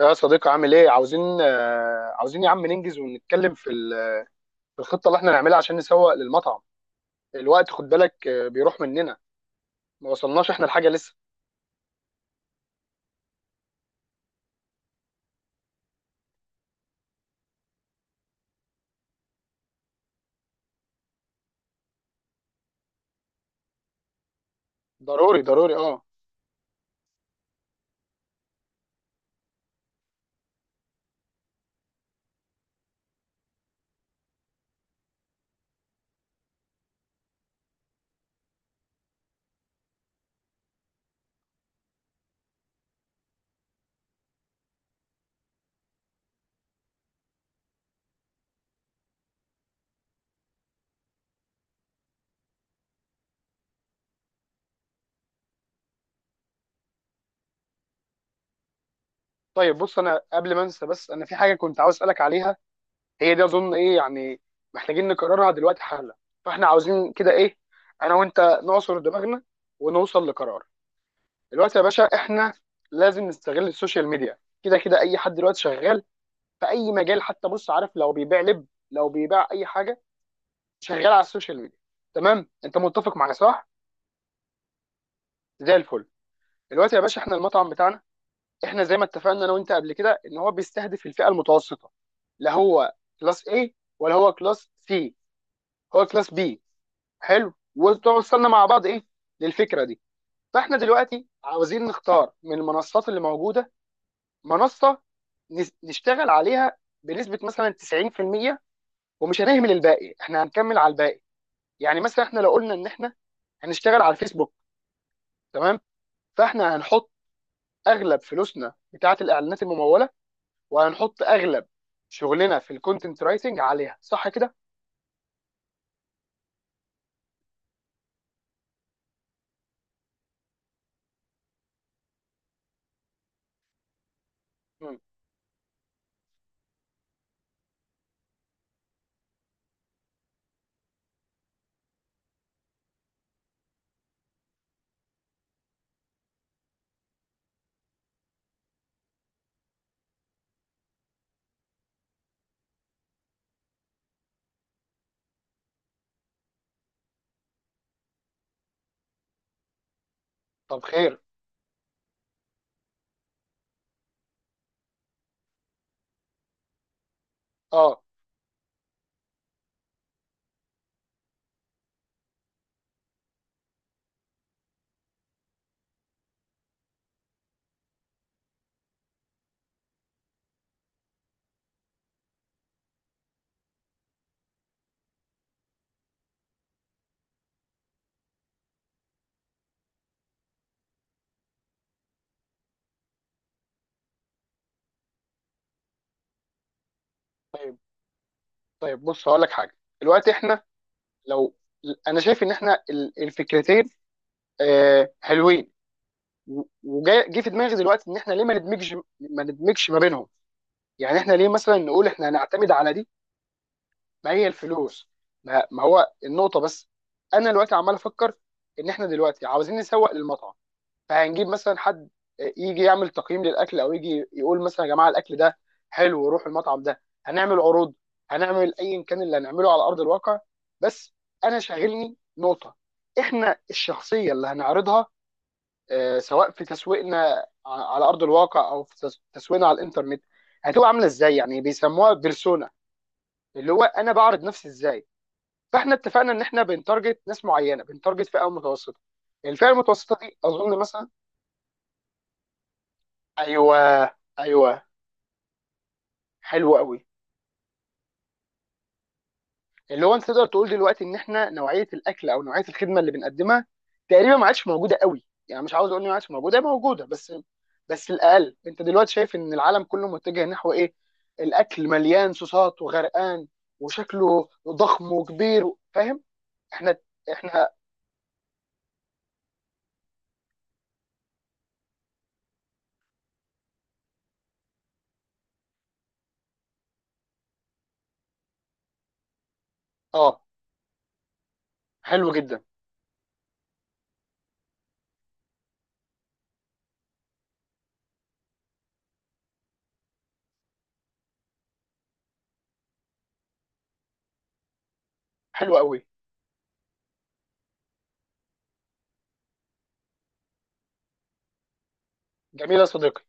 يا صديقي، عامل ايه؟ عاوزين عاوزين يا عم ننجز ونتكلم في في الخطه اللي احنا نعملها عشان نسوق للمطعم. الوقت خد بالك بيروح مننا. ما وصلناش احنا الحاجه لسه. ضروري ضروري، اه. طيب بص، انا قبل ما انسى، بس انا في حاجه كنت عاوز اسالك عليها. هي دي اظن ايه يعني؟ محتاجين نقررها دلوقتي حالا. فاحنا عاوزين كده ايه؟ انا وانت نعصر دماغنا ونوصل لقرار. دلوقتي يا باشا، احنا لازم نستغل السوشيال ميديا. كده كده اي حد دلوقتي شغال في اي مجال. حتى بص عارف، لو بيبيع لب، لو بيبيع اي حاجه، شغال على السوشيال ميديا. تمام، انت متفق معايا صح؟ زي الفل. دلوقتي يا باشا، احنا المطعم بتاعنا، احنا زي ما اتفقنا انا وانت قبل كده، ان هو بيستهدف الفئه المتوسطه. لا هو كلاس A ولا هو كلاس C، هو كلاس B. حلو، وتوصلنا مع بعض ايه للفكره دي. فاحنا دلوقتي عاوزين نختار من المنصات اللي موجوده منصه نشتغل عليها بنسبه مثلا 90%. ومش هنهمل الباقي، احنا هنكمل على الباقي. يعني مثلا احنا لو قلنا ان احنا هنشتغل على الفيسبوك، تمام، فاحنا هنحط اغلب فلوسنا بتاعه الاعلانات المموله، وهنحط اغلب شغلنا في الكونتنت رايتنج عليها. صح كده؟ مم. طب خير. اه. طيب، طيب بص هقول لك حاجه. دلوقتي احنا لو، انا شايف ان احنا الفكرتين حلوين. وجاي جه في دماغي دلوقتي، ان احنا ليه ما ندمجش، ما بينهم؟ يعني احنا ليه مثلا نقول احنا هنعتمد على دي؟ ما هي الفلوس. ما هو النقطه بس. انا دلوقتي عمال افكر ان احنا دلوقتي عاوزين نسوق للمطعم. فهنجيب مثلا حد يجي يعمل تقييم للاكل، او يجي يقول مثلا يا جماعه الاكل ده حلو، وروح المطعم ده، هنعمل عروض، هنعمل ايا كان اللي هنعمله على ارض الواقع. بس انا شاغلني نقطه، احنا الشخصيه اللي هنعرضها سواء في تسويقنا على ارض الواقع او في تسويقنا على الانترنت، هتبقى عامله ازاي؟ يعني بيسموها بيرسونا، اللي هو انا بعرض نفسي ازاي. فاحنا اتفقنا ان احنا بنتارجت ناس معينه، بنتارجت فئه متوسطه. الفئه المتوسطه دي اظن مثلا. ايوه، ايوه، حلو قوي. اللي هو انت تقدر تقول دلوقتي ان احنا نوعيه الاكل او نوعيه الخدمه اللي بنقدمها تقريبا ما عادش موجوده قوي. يعني مش عاوز اقول ان ما عادش موجوده، هي موجوده بس. بس الاقل انت دلوقتي شايف ان العالم كله متجه نحو ايه؟ الاكل مليان صوصات وغرقان، وشكله ضخم وكبير، فاهم؟ احنا احنا اه. حلو جدا. حلو قوي. جميل يا صديقي.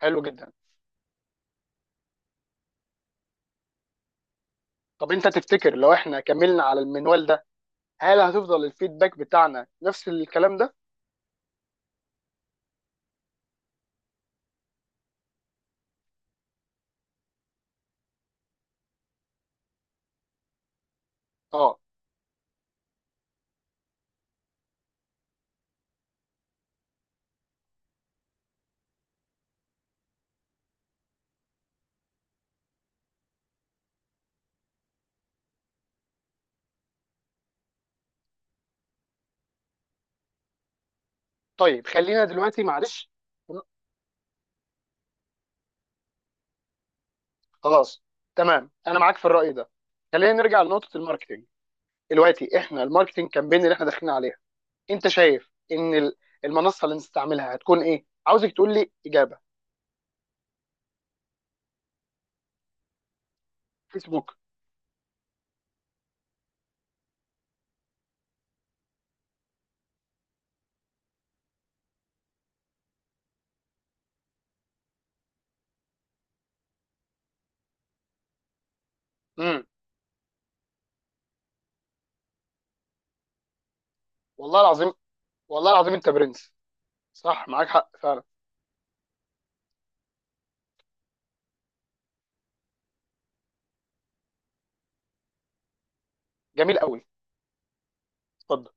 حلو جدا. طب انت تفتكر لو احنا كملنا على المنوال ده، هل هتفضل الفيدباك بتاعنا نفس الكلام ده؟ اه. طيب خلينا دلوقتي معلش. خلاص، تمام، انا معاك في الرأي ده. خلينا نرجع لنقطة الماركتينج. دلوقتي احنا الماركتينج كامبين اللي احنا داخلين عليها، انت شايف ان المنصة اللي نستعملها هتكون ايه؟ عاوزك تقول لي اجابة. فيسبوك. امم. والله العظيم، والله العظيم انت برنس. صح، معاك حق فعلا. جميل قوي. اتفضل.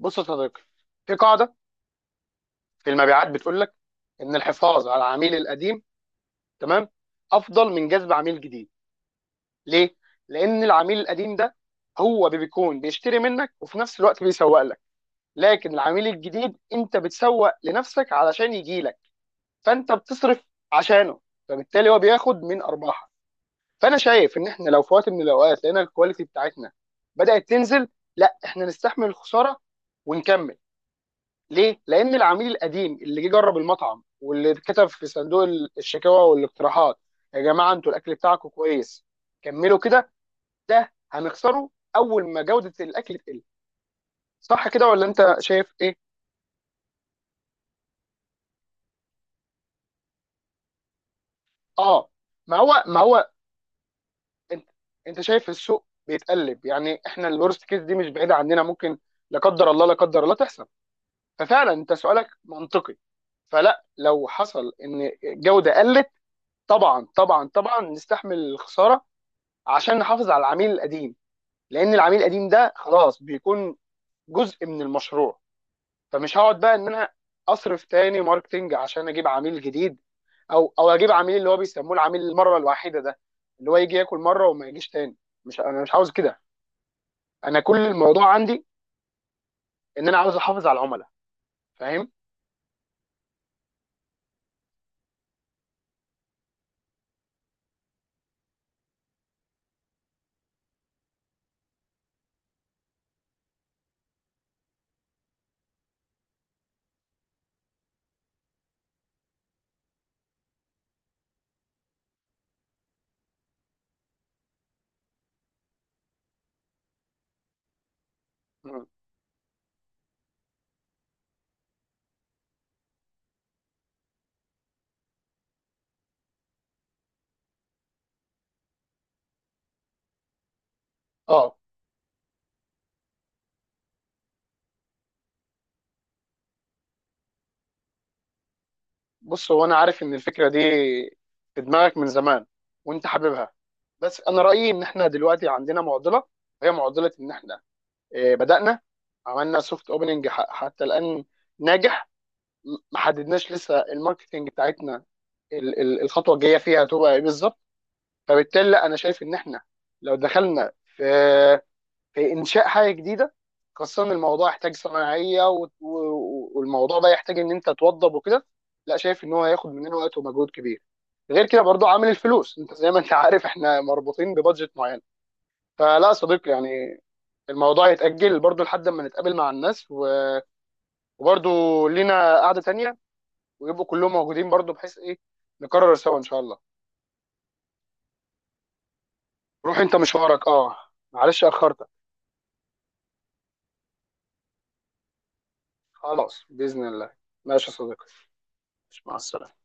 بص يا صديقي، في قاعدة في المبيعات بتقول لك ان الحفاظ على العميل القديم، تمام، افضل من جذب عميل جديد. ليه؟ لان العميل القديم ده هو بيكون بيشتري منك وفي نفس الوقت بيسوق لك، لكن العميل الجديد انت بتسوق لنفسك علشان يجي لك، فانت بتصرف عشانه، فبالتالي هو بياخد من ارباحك. فانا شايف ان احنا لو في وقت من الاوقات لقينا الكواليتي بتاعتنا بدات تنزل، لا، احنا نستحمل الخساره ونكمل. ليه؟ لأن العميل القديم اللي جه جرب المطعم واللي كتب في صندوق الشكاوى والاقتراحات يا جماعة انتوا الأكل بتاعكم كويس كملوا كده، ده هنخسره أول ما جودة الأكل تقل. صح كده ولا أنت شايف إيه؟ آه. ما هو أنت، أنت شايف السوق بيتقلب، يعني إحنا الورست كيس دي مش بعيدة عننا، ممكن لا قدر الله، لا قدر الله تحصل. ففعلا أنت سؤالك منطقي. فلا، لو حصل إن الجودة قلت، طبعا طبعا طبعا نستحمل الخسارة عشان نحافظ على العميل القديم. لان العميل القديم ده خلاص بيكون جزء من المشروع. فمش هقعد بقى ان انا اصرف تاني ماركتنج عشان اجيب عميل جديد، او اجيب عميل اللي هو بيسموه العميل المره الواحده ده، اللي هو يجي ياكل مره وما يجيش تاني. مش، انا مش عاوز كده. انا كل الموضوع عندي ان انا عاوز احافظ على العملاء، فاهم. مم. اه بص، هو انا عارف ان الفكره دي في دماغك من زمان وانت حاببها، بس انا رايي ان احنا دلوقتي عندنا معضله. هي معضله ان احنا بدأنا. عملنا سوفت اوبننج حتى الآن ناجح. ما حددناش لسه الماركتنج بتاعتنا، الخطوة الجاية فيها هتبقى ايه بالظبط. فبالتالي لا، انا شايف ان احنا لو دخلنا في انشاء حاجة جديدة، خاصة إن الموضوع يحتاج صناعية والموضوع ده يحتاج ان انت توضب وكده، لا شايف ان هو هياخد مننا وقت ومجهود كبير. غير كده برضو عامل الفلوس انت زي ما انت عارف احنا مربوطين ببادجت معين. فلا يا صديقي يعني الموضوع يتأجل برضو لحد ما نتقابل مع الناس، وبرضو لينا قعده تانيه ويبقوا كلهم موجودين برضو، بحيث ايه، نكرر سوا ان شاء الله. روح انت مشوارك، اه. معلش اخرتك. خلاص باذن الله. ماشي يا صديقي. مع السلامه.